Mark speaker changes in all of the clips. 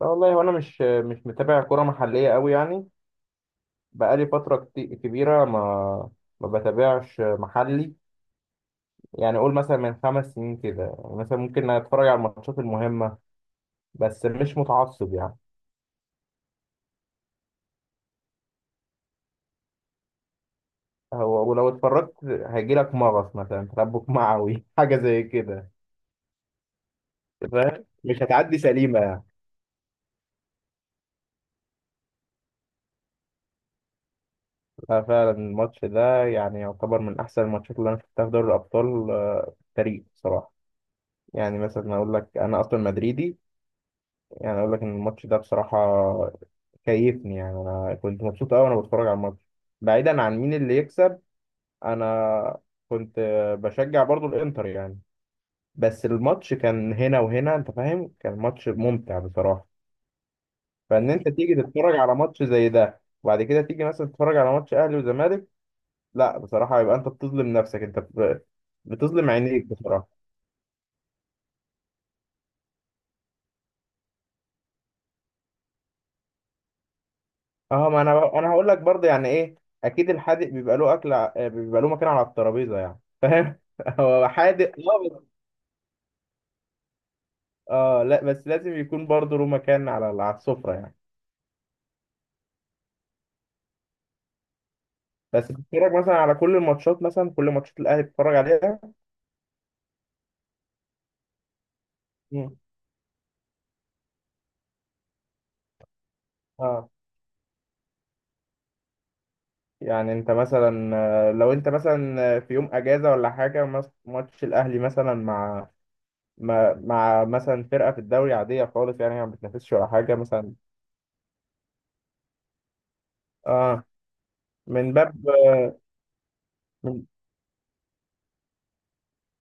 Speaker 1: لا، والله وانا مش متابع كرة محلية قوي يعني. بقالي فترة كبيرة ما بتابعش محلي. يعني قول مثلا من 5 سنين كده، يعني مثلا ممكن اتفرج على الماتشات المهمة، بس مش متعصب يعني. هو ولو اتفرجت هيجي لك مغص مثلا، تربك معوي حاجة زي كده. فاهم؟ مش هتعدي سليمة يعني. لا فعلا الماتش ده يعني يعتبر من أحسن الماتشات اللي أنا شفتها في دوري الأبطال، في التاريخ بصراحة. يعني مثلا أقول لك أنا أصلا مدريدي، يعني اقول لك ان الماتش ده بصراحه كيفني. يعني انا كنت مبسوط قوي وانا بتفرج على الماتش، بعيدا عن مين اللي يكسب. انا كنت بشجع برضو الانتر يعني، بس الماتش كان هنا وهنا، انت فاهم؟ كان ماتش ممتع بصراحه. فان انت تيجي تتفرج على ماتش زي ده وبعد كده تيجي مثلا تتفرج على ماتش اهلي وزمالك، لا بصراحه يبقى انت بتظلم نفسك، انت بتظلم عينيك بصراحه. اه، ما انا هقول لك برضه يعني ايه، اكيد الحادق بيبقى له اكل بيبقى له مكان على الترابيزه يعني، فاهم؟ هو حادق اه لا بس لازم يكون برضه له مكان على السفره يعني. بس بتتفرج مثلا على كل الماتشات، مثلا كل ماتشات الاهلي بتتفرج عليها؟ مم. اه، يعني انت مثلا لو انت مثلا في يوم اجازه ولا حاجه ماتش الاهلي مثلا مع مثلا فرقه في الدوري عاديه خالص، يعني ما بتنافسش ولا حاجه مثلا. اه، من باب.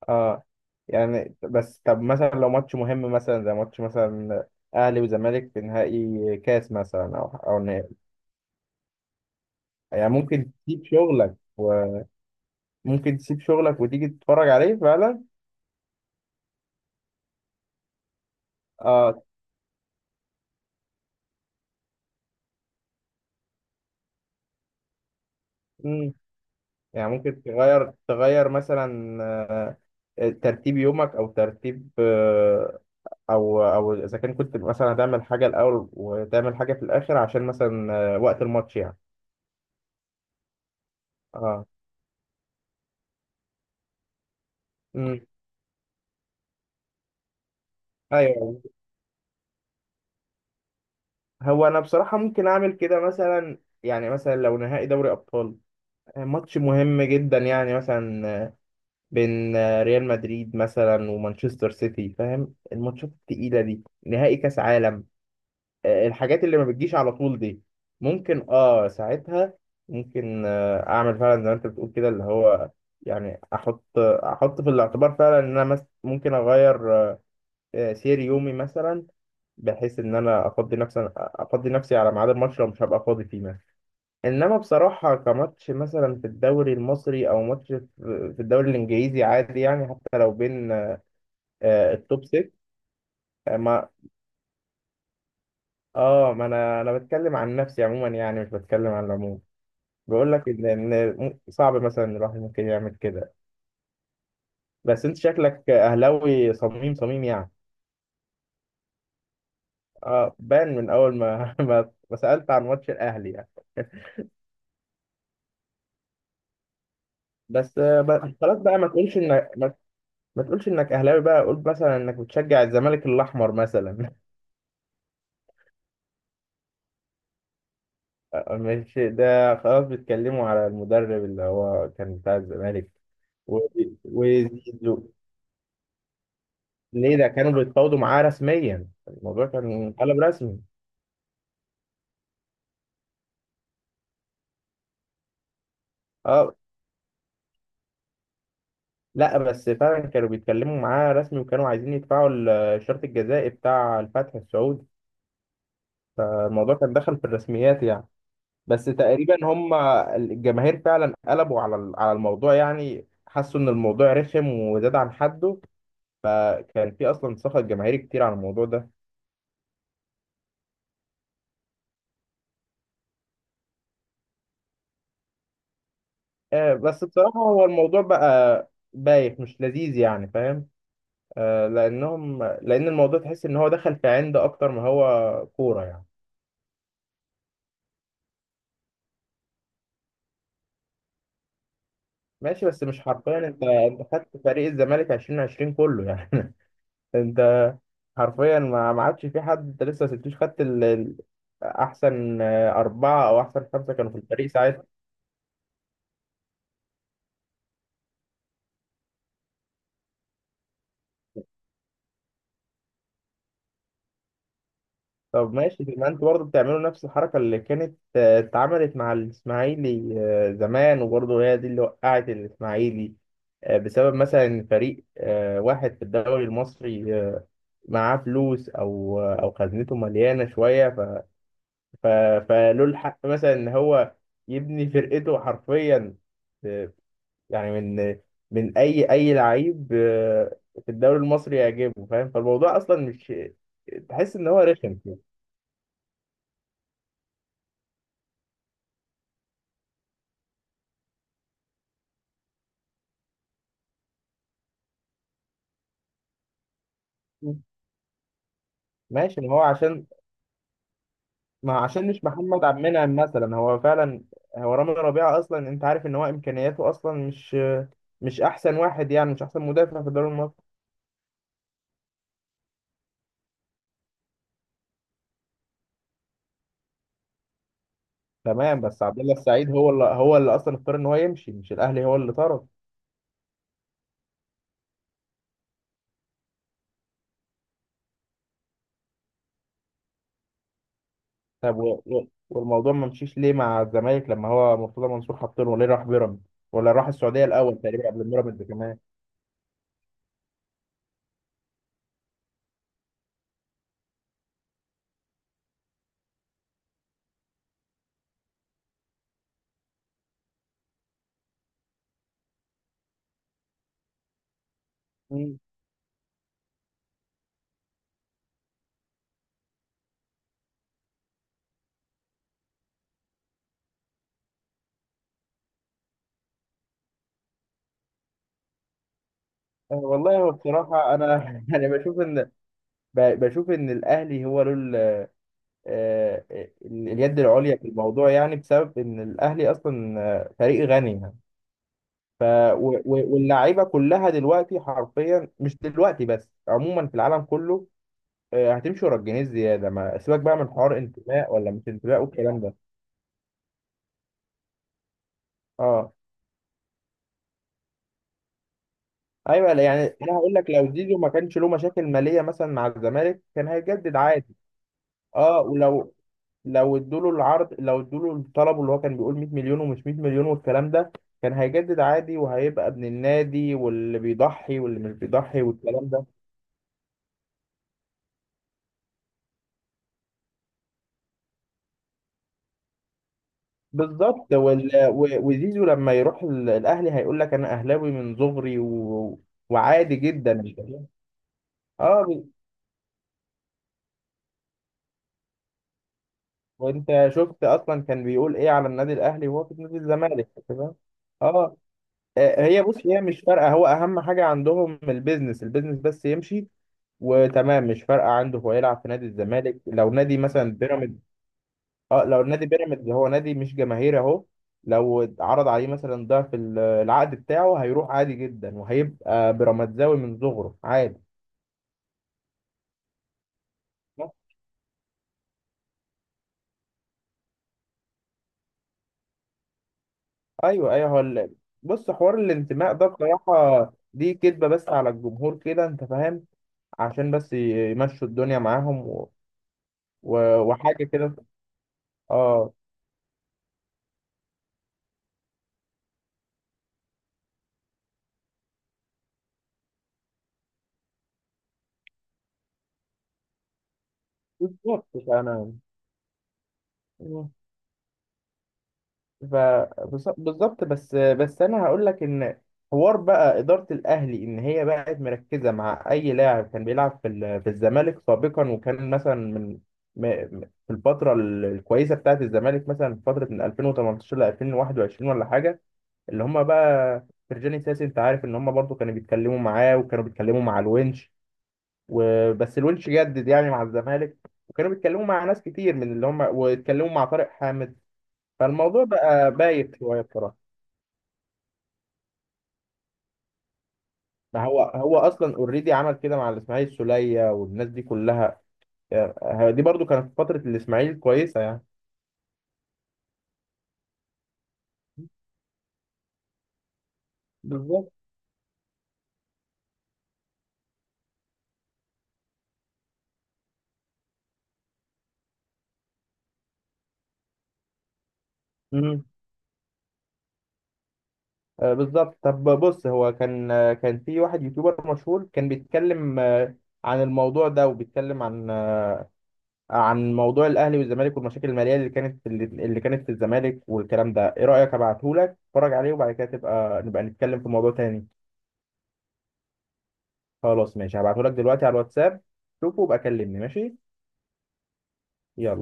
Speaker 1: اه، يعني بس طب مثلا لو ماتش مهم مثلا زي ماتش مثلا اهلي وزمالك في نهائي كاس مثلا، او نهائي، يعني ممكن تسيب شغلك، وممكن تسيب شغلك وتيجي تتفرج عليه فعلا. اه. مم. يعني ممكن تغير مثلا ترتيب يومك او ترتيب او اذا كان كنت مثلا هتعمل حاجه الاول وتعمل حاجه في الاخر عشان مثلا وقت الماتش يعني. اه. مم. ايوه. هو انا بصراحه ممكن اعمل كده مثلا. يعني مثلا لو نهائي دوري ابطال، ماتش مهم جدا يعني مثلا، بين ريال مدريد مثلا ومانشستر سيتي، فاهم؟ الماتشات التقيله دي، نهائي كاس عالم، الحاجات اللي ما بتجيش على طول دي، ممكن ساعتها ممكن اعمل فعلا زي ما انت بتقول كده، اللي هو يعني احط في الاعتبار فعلا ان انا ممكن اغير سير يومي مثلا، بحيث ان انا افضي نفسي على ميعاد الماتش، لو مش هبقى فاضي فيه مثلا. انما بصراحه كماتش مثلا في الدوري المصري او ماتش في في الدوري الانجليزي عادي يعني، حتى لو بين التوب 6. ما اه ما انا بتكلم عن نفسي عموما يعني، مش بتكلم عن العموم. بقول لك ان صعب مثلا الواحد ممكن يعمل كده، بس انت شكلك اهلاوي صميم صميم يعني. اه، بان من اول ما ما سالت عن ماتش الاهلي يعني. بس خلاص بقى ما تقولش انك اهلاوي بقى، قول مثلا انك بتشجع الزمالك الاحمر مثلا. مش ده خلاص بيتكلموا على المدرب اللي هو كان بتاع الزمالك و- وزيزو، ليه ده كانوا بيتفاوضوا معاه رسميا، الموضوع كان قلب رسمي. اه، لا بس فعلا كانوا بيتكلموا معاه رسمي، وكانوا عايزين يدفعوا الشرط الجزائي بتاع الفتح السعودي، الموضوع كان دخل في الرسميات يعني. بس تقريبا هم الجماهير فعلا قلبوا على على الموضوع، يعني حسوا ان الموضوع رخم وزاد عن حده، فكان في اصلا سخط جماهيري كتير على الموضوع ده. بس بصراحة هو الموضوع بقى بايخ مش لذيذ يعني، فاهم؟ لأن الموضوع تحس إن هو دخل في عند أكتر ما هو كورة يعني. ماشي، بس مش حرفيا. أنت خدت فريق الزمالك 2020 كله يعني. أنت حرفيا ما عادش في حد، أنت لسه ما سبتوش، خدت أحسن أربعة أو أحسن خمسة كانوا في الفريق. طب ماشي، ما انتوا برضه بتعملوا نفس الحركة اللي كانت اتعملت مع الإسماعيلي زمان، وبرضه هي دي اللي وقعت الإسماعيلي، بسبب مثلا إن فريق واحد في الدوري المصري معاه فلوس أو أو خزنته مليانة شوية، ف... فله الحق مثلا إن هو يبني فرقته حرفيا، آه، يعني من أي لعيب في الدوري المصري يعجبه، فاهم؟ فالموضوع أصلا مش تحس إن هو رخم كده. ماشي، ما هو عشان مش محمد عبد المنعم مثلا، هو رامي ربيعة اصلا، انت عارف ان هو امكانياته اصلا مش احسن واحد يعني، مش احسن مدافع في الدوري المصري. تمام، بس عبد الله السعيد هو اللي اصلا اختار ان هو يمشي، مش الاهلي هو اللي طرد. طب والموضوع ما مشيش ليه مع الزمالك، لما هو مرتضى منصور حط له؟ ليه راح بيراميدز، ولا راح السعوديه الاول تقريبا قبل بيراميدز كمان؟ مم. والله هو بصراحه انا يعني بشوف ان الاهلي هو له اليد العليا في الموضوع، يعني بسبب ان الاهلي اصلا فريق غني يعني. ف واللعيبه كلها دلوقتي حرفيا، مش دلوقتي بس عموما في العالم كله، هتمشي ورا الجنيه الزياده، ما سيبك بقى من حوار انتماء ولا مش انتماء والكلام ده. اه. ايوه، لا، يعني انا هقول لك لو زيزو ما كانش له مشاكل ماليه مثلا مع الزمالك، كان هيجدد عادي. اه. ولو لو ادوا له العرض، لو ادوا له الطلب اللي هو كان بيقول 100 مليون، ومش 100 مليون والكلام ده، كان هيجدد عادي، وهيبقى ابن النادي واللي بيضحي واللي مش بيضحي والكلام ده. بالظبط، وزيزو لما يروح الاهلي هيقول لك انا اهلاوي من صغري و... وعادي جدا، مش فاهم؟ اه وانت شفت اصلا كان بيقول ايه على النادي الاهلي وهو في نادي الزمالك، تمام؟ اه، هي بص، هي مش فارقه، هو اهم حاجه عندهم البيزنس، البيزنس بس يمشي وتمام، مش فارقه عنده هو يلعب في نادي الزمالك لو نادي مثلا بيراميدز. اه، لو نادي بيراميدز هو نادي مش جماهيري اهو، لو عرض عليه مثلا ضعف العقد بتاعه، هيروح عادي جدا وهيبقى بيراميدزاوي من صغره عادي. ايوه، ايوه. بص، حوار الانتماء ده بصراحه دي كدبه بس على الجمهور كده، انت فاهم؟ عشان بس يمشوا الدنيا معاهم و... وحاجه كده. اه، بالظبط انا. ف بالظبط، بس انا هقول لك ان حوار بقى اداره الاهلي ان هي بقت مركزه مع اي لاعب كان بيلعب في في الزمالك سابقا، وكان مثلا من م- م- في الفتره الكويسه بتاعه الزمالك مثلا في فتره من 2018 ل 2021 ولا حاجه، اللي هم بقى فرجاني ساسي، انت عارف ان هم برضو كانوا بيتكلموا معاه، وكانوا بيتكلموا مع الونش، وبس الونش جدد يعني مع الزمالك، وكانوا بيتكلموا مع ناس كتير من اللي هم، واتكلموا مع طارق حامد. فالموضوع بقى بايت شويه بصراحه. ما هو هو اصلا اوريدي عمل كده مع الاسماعيلي السوليه والناس دي كلها، دي برضو كانت في فتره الاسماعيلي كويسه يعني. بالظبط. امم بالظبط. طب بص، هو كان كان في واحد يوتيوبر مشهور كان بيتكلم عن الموضوع ده، وبيتكلم عن عن موضوع الاهلي والزمالك والمشاكل الماليه اللي كانت في اللي كانت في الزمالك والكلام ده. ايه رايك ابعته لك اتفرج عليه، وبعد كده نبقى نتكلم في موضوع تاني. خلاص ماشي، هبعته لك دلوقتي على الواتساب، شوفه وبقى كلمني، ماشي؟ يلا.